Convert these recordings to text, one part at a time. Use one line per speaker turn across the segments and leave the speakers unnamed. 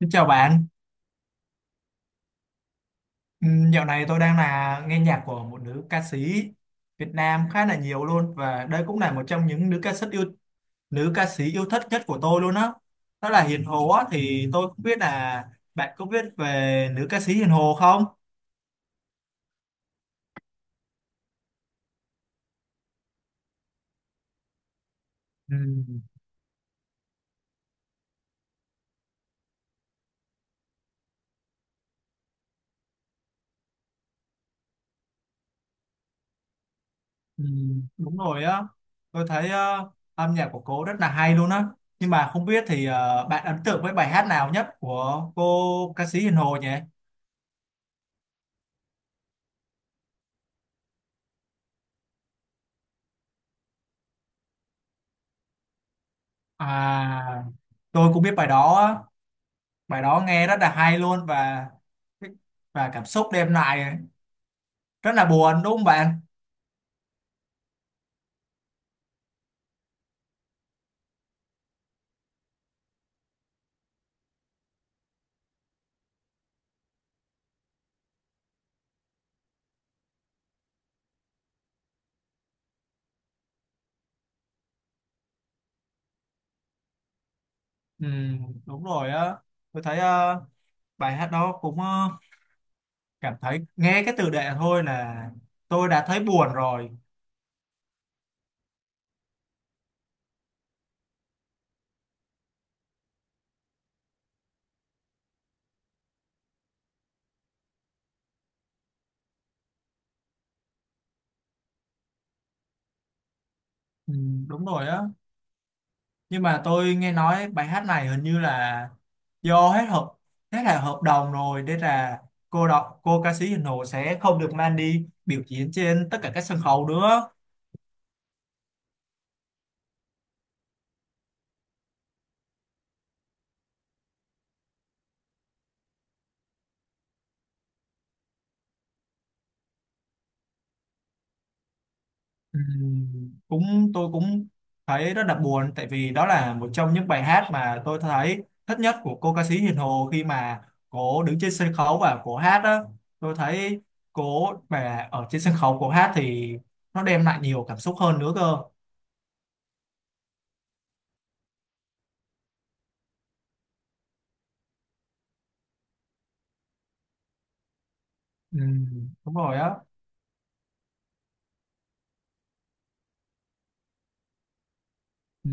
Xin chào bạn. Dạo này tôi đang nghe nhạc của một nữ ca sĩ Việt Nam khá là nhiều luôn, và đây cũng là một trong những nữ ca sĩ yêu thích nhất của tôi luôn á. Đó, đó là Hiền Hồ á, thì tôi không biết là bạn có biết về nữ ca sĩ Hiền Hồ không? Ừ. Ừ, đúng rồi á, tôi thấy âm nhạc của cô rất là hay luôn á, nhưng mà không biết thì bạn ấn tượng với bài hát nào nhất của cô ca sĩ Hiền Hồ nhỉ? À, tôi cũng biết bài đó á. Bài đó nghe rất là hay luôn, và cảm xúc đêm lại rất là buồn đúng không bạn? Ừ, đúng rồi á, tôi thấy bài hát đó cũng ờ, cảm thấy nghe cái tựa đề thôi là tôi đã thấy buồn rồi. Ừ, đúng rồi á, nhưng mà tôi nghe nói bài hát này hình như là do hết hợp hết là hợp đồng rồi, nên là cô ca sĩ Hiền Hồ sẽ không được mang đi biểu diễn trên tất cả các sân khấu nữa. Cũng tôi cũng thấy rất là buồn, tại vì đó là một trong những bài hát mà tôi thấy thích nhất của cô ca sĩ Hiền Hồ, khi mà cô đứng trên sân khấu và cô hát đó. Tôi thấy cô mà ở trên sân khấu cô hát thì nó đem lại nhiều cảm xúc hơn nữa cơ. Đúng rồi á. Ừ.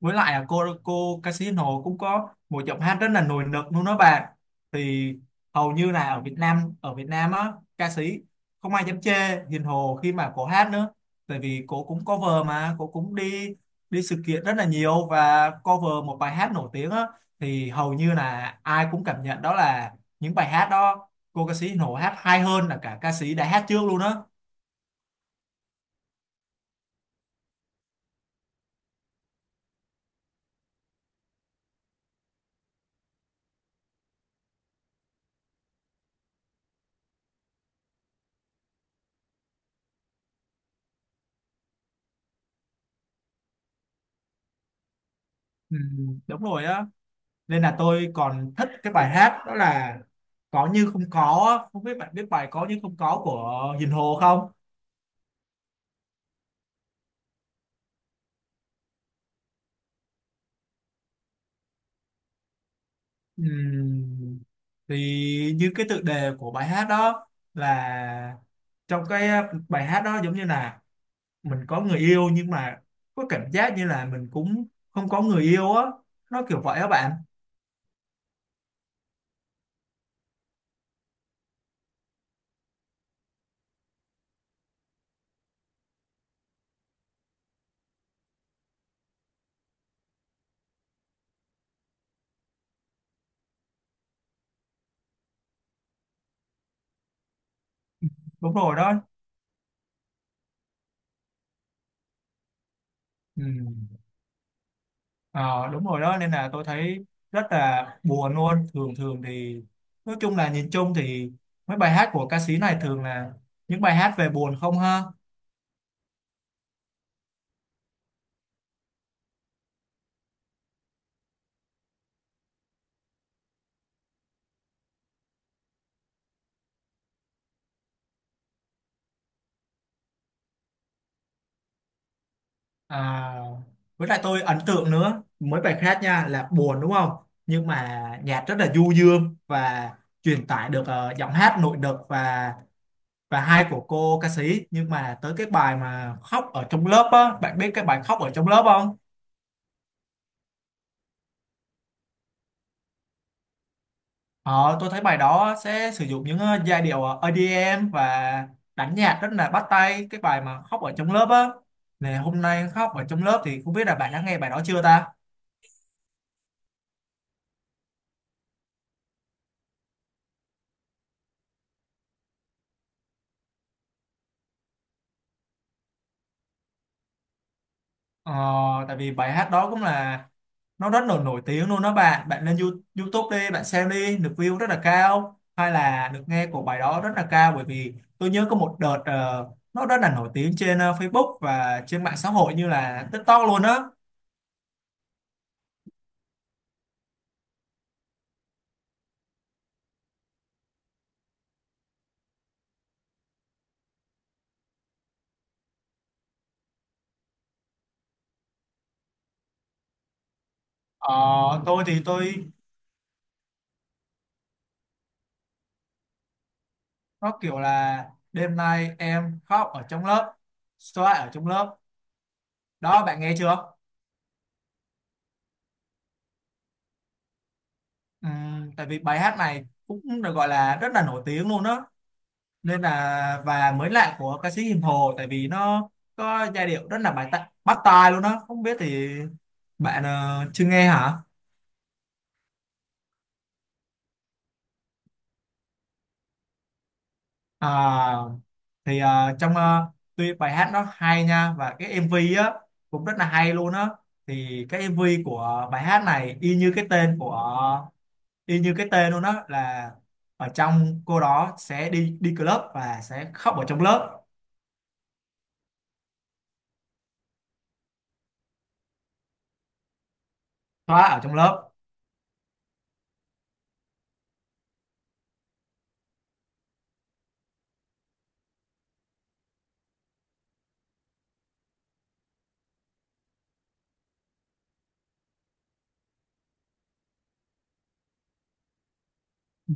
Với lại là cô Casino cũng có một giọng hát rất là nổi bật luôn đó bạn. Thì hầu như là ở Việt Nam á, ca sĩ không ai dám chê Hiền Hồ khi mà cô hát nữa, tại vì cô cũng cover, mà cô cũng đi đi sự kiện rất là nhiều và cover một bài hát nổi tiếng á, thì hầu như là ai cũng cảm nhận đó là những bài hát đó cô ca sĩ Hiền Hồ hát hay hơn là cả ca sĩ đã hát trước luôn á. Ừ, đúng rồi á, nên là tôi còn thích cái bài hát đó là Có Như Không Có á. Không biết bạn biết bài Có Như Không Có của Hiền Hồ không? Ừm, thì như cái tựa đề của bài hát đó, là trong cái bài hát đó giống như là mình có người yêu, nhưng mà có cảm giác như là mình cũng không có người yêu á, nó kiểu vậy á bạn. Đúng rồi đó. Ừm. Ờ, đúng rồi đó, nên là tôi thấy rất là buồn luôn. Thường thường thì, nói chung là nhìn chung thì mấy bài hát của ca sĩ này thường là những bài hát về buồn không ha. À, với lại tôi ấn tượng nữa mấy bài khác nha, là buồn đúng không, nhưng mà nhạc rất là du dương và truyền tải được ờ, giọng hát nội lực và hay của cô ca sĩ, nhưng mà tới cái bài mà Khóc Ở Trong Lớp á, bạn biết cái bài Khóc Ở Trong Lớp không? Ờ, tôi thấy bài đó sẽ sử dụng những ờ, giai điệu ờ, EDM và đánh nhạc rất là bắt tay, cái bài mà Khóc Ở Trong Lớp á, này hôm nay khóc ở trong lớp, thì không biết là bạn đã nghe bài đó chưa ta? ờ, Tại vì bài hát đó cũng là nó rất là nổi tiếng luôn đó bạn, bạn lên YouTube đi, bạn xem đi, được view rất là cao, hay là được nghe của bài đó rất là cao, bởi vì tôi nhớ có một đợt ờ, nó rất là nổi tiếng trên ờ, Facebook và trên mạng xã hội như là TikTok luôn á. Ờ, tôi thì tôi nó kiểu là đêm nay em khóc ở trong lớp, xoa ở trong lớp, đó bạn nghe chưa? Tại vì bài hát này cũng được gọi là rất là nổi tiếng luôn đó, nên là và mới lạ của ca sĩ Hiền Hồ, tại vì nó có giai điệu rất là bài tạ, bắt tai luôn đó. Không biết thì bạn ờ, chưa nghe hả? À, thì ờ, trong ờ, tuy bài hát nó hay nha, và cái MV á cũng rất là hay luôn á, thì cái MV của bài hát này y như cái tên của y như cái tên luôn đó, là ở trong cô đó sẽ đi đi club và sẽ khóc ở trong lớp, thoa ở trong lớp. Ừ,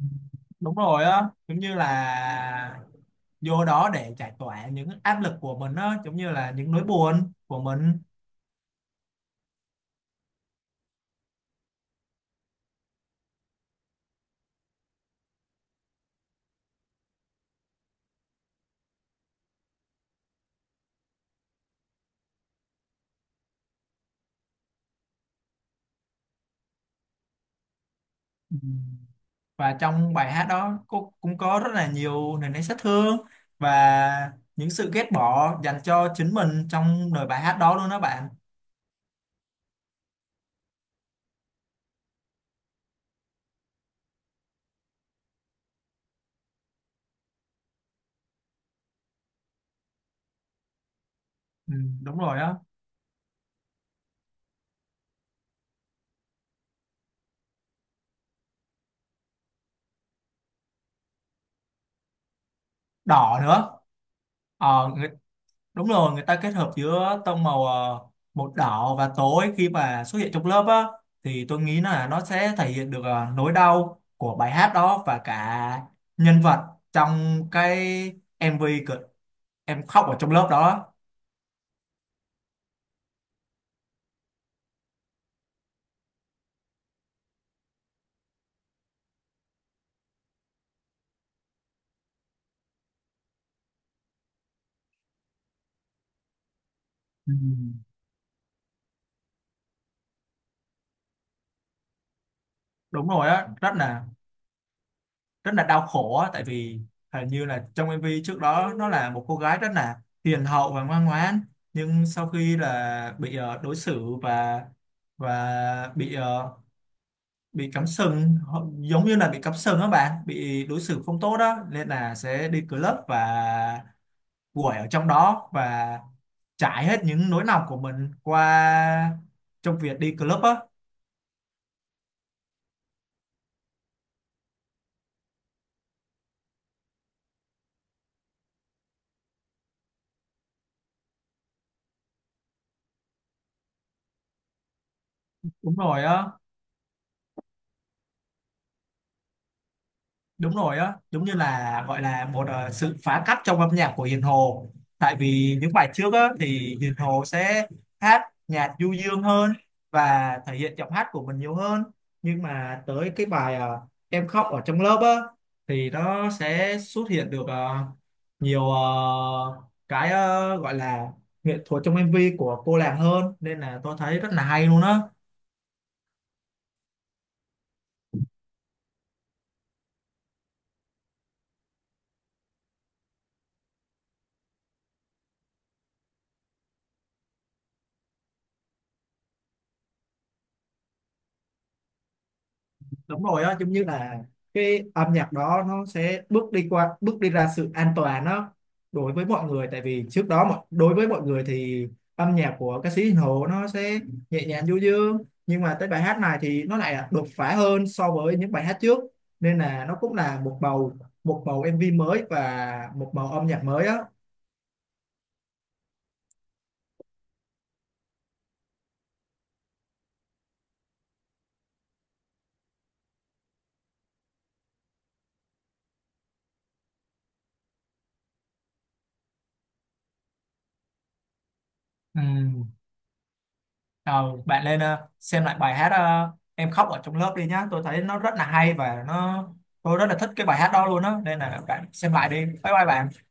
đúng rồi á, giống như là vô đó để giải tỏa những áp lực của mình á, giống như là những nỗi buồn của mình. Ừ. Và trong bài hát đó cô cũng có rất là nhiều nền nếp sát thương và những sự ghét bỏ dành cho chính mình trong lời bài hát đó luôn đó bạn. Ừ, đúng rồi á. Đỏ nữa. Ờ. Đúng rồi, người ta kết hợp giữa tông màu ờ, một đỏ và tối, khi mà xuất hiện trong lớp á, thì tôi nghĩ là nó sẽ thể hiện được ờ, nỗi đau của bài hát đó và cả nhân vật trong cái MV cực Em Khóc Ở Trong Lớp đó. Ừ. Đúng rồi á, rất là đau khổ á, tại vì hình như là trong MV trước đó nó là một cô gái rất là hiền hậu và ngoan ngoãn, nhưng sau khi là bị ờ, đối xử và bị ờ, bị cắm sừng giống như là bị cắm sừng á bạn, bị đối xử không tốt đó, nên là sẽ đi club và quẩy ở trong đó, và trải hết những nỗi lòng của mình qua trong việc đi club á. Đúng rồi á. Đúng rồi á, giống như là gọi là một ờ, sự phá cách trong âm nhạc của Hiền Hồ, tại vì những bài trước á thì Hiền Hồ sẽ hát nhạc du dương hơn và thể hiện giọng hát của mình nhiều hơn, nhưng mà tới cái bài ờ, Em Khóc Ở Trong Lớp á, thì nó sẽ xuất hiện được ờ, nhiều ờ, cái ờ, gọi là nghệ thuật trong MV của cô nàng hơn, nên là tôi thấy rất là hay luôn á. Đúng rồi á, giống như là cái âm nhạc đó nó sẽ bước đi ra sự an toàn đó đối với mọi người, tại vì trước đó đối với mọi người thì âm nhạc của ca sĩ Hiền Hồ nó sẽ nhẹ nhàng du dương, nhưng mà tới bài hát này thì nó lại đột phá hơn so với những bài hát trước, nên là nó cũng là một bầu MV mới và một bầu âm nhạc mới á. Ừ. Ờ, bạn lên ờ, xem lại bài hát ờ, Em Khóc Ở Trong Lớp đi nhá. Tôi thấy nó rất là hay, và nó tôi rất là thích cái bài hát đó luôn á. Nên là bạn xem lại đi. Bye bye bạn.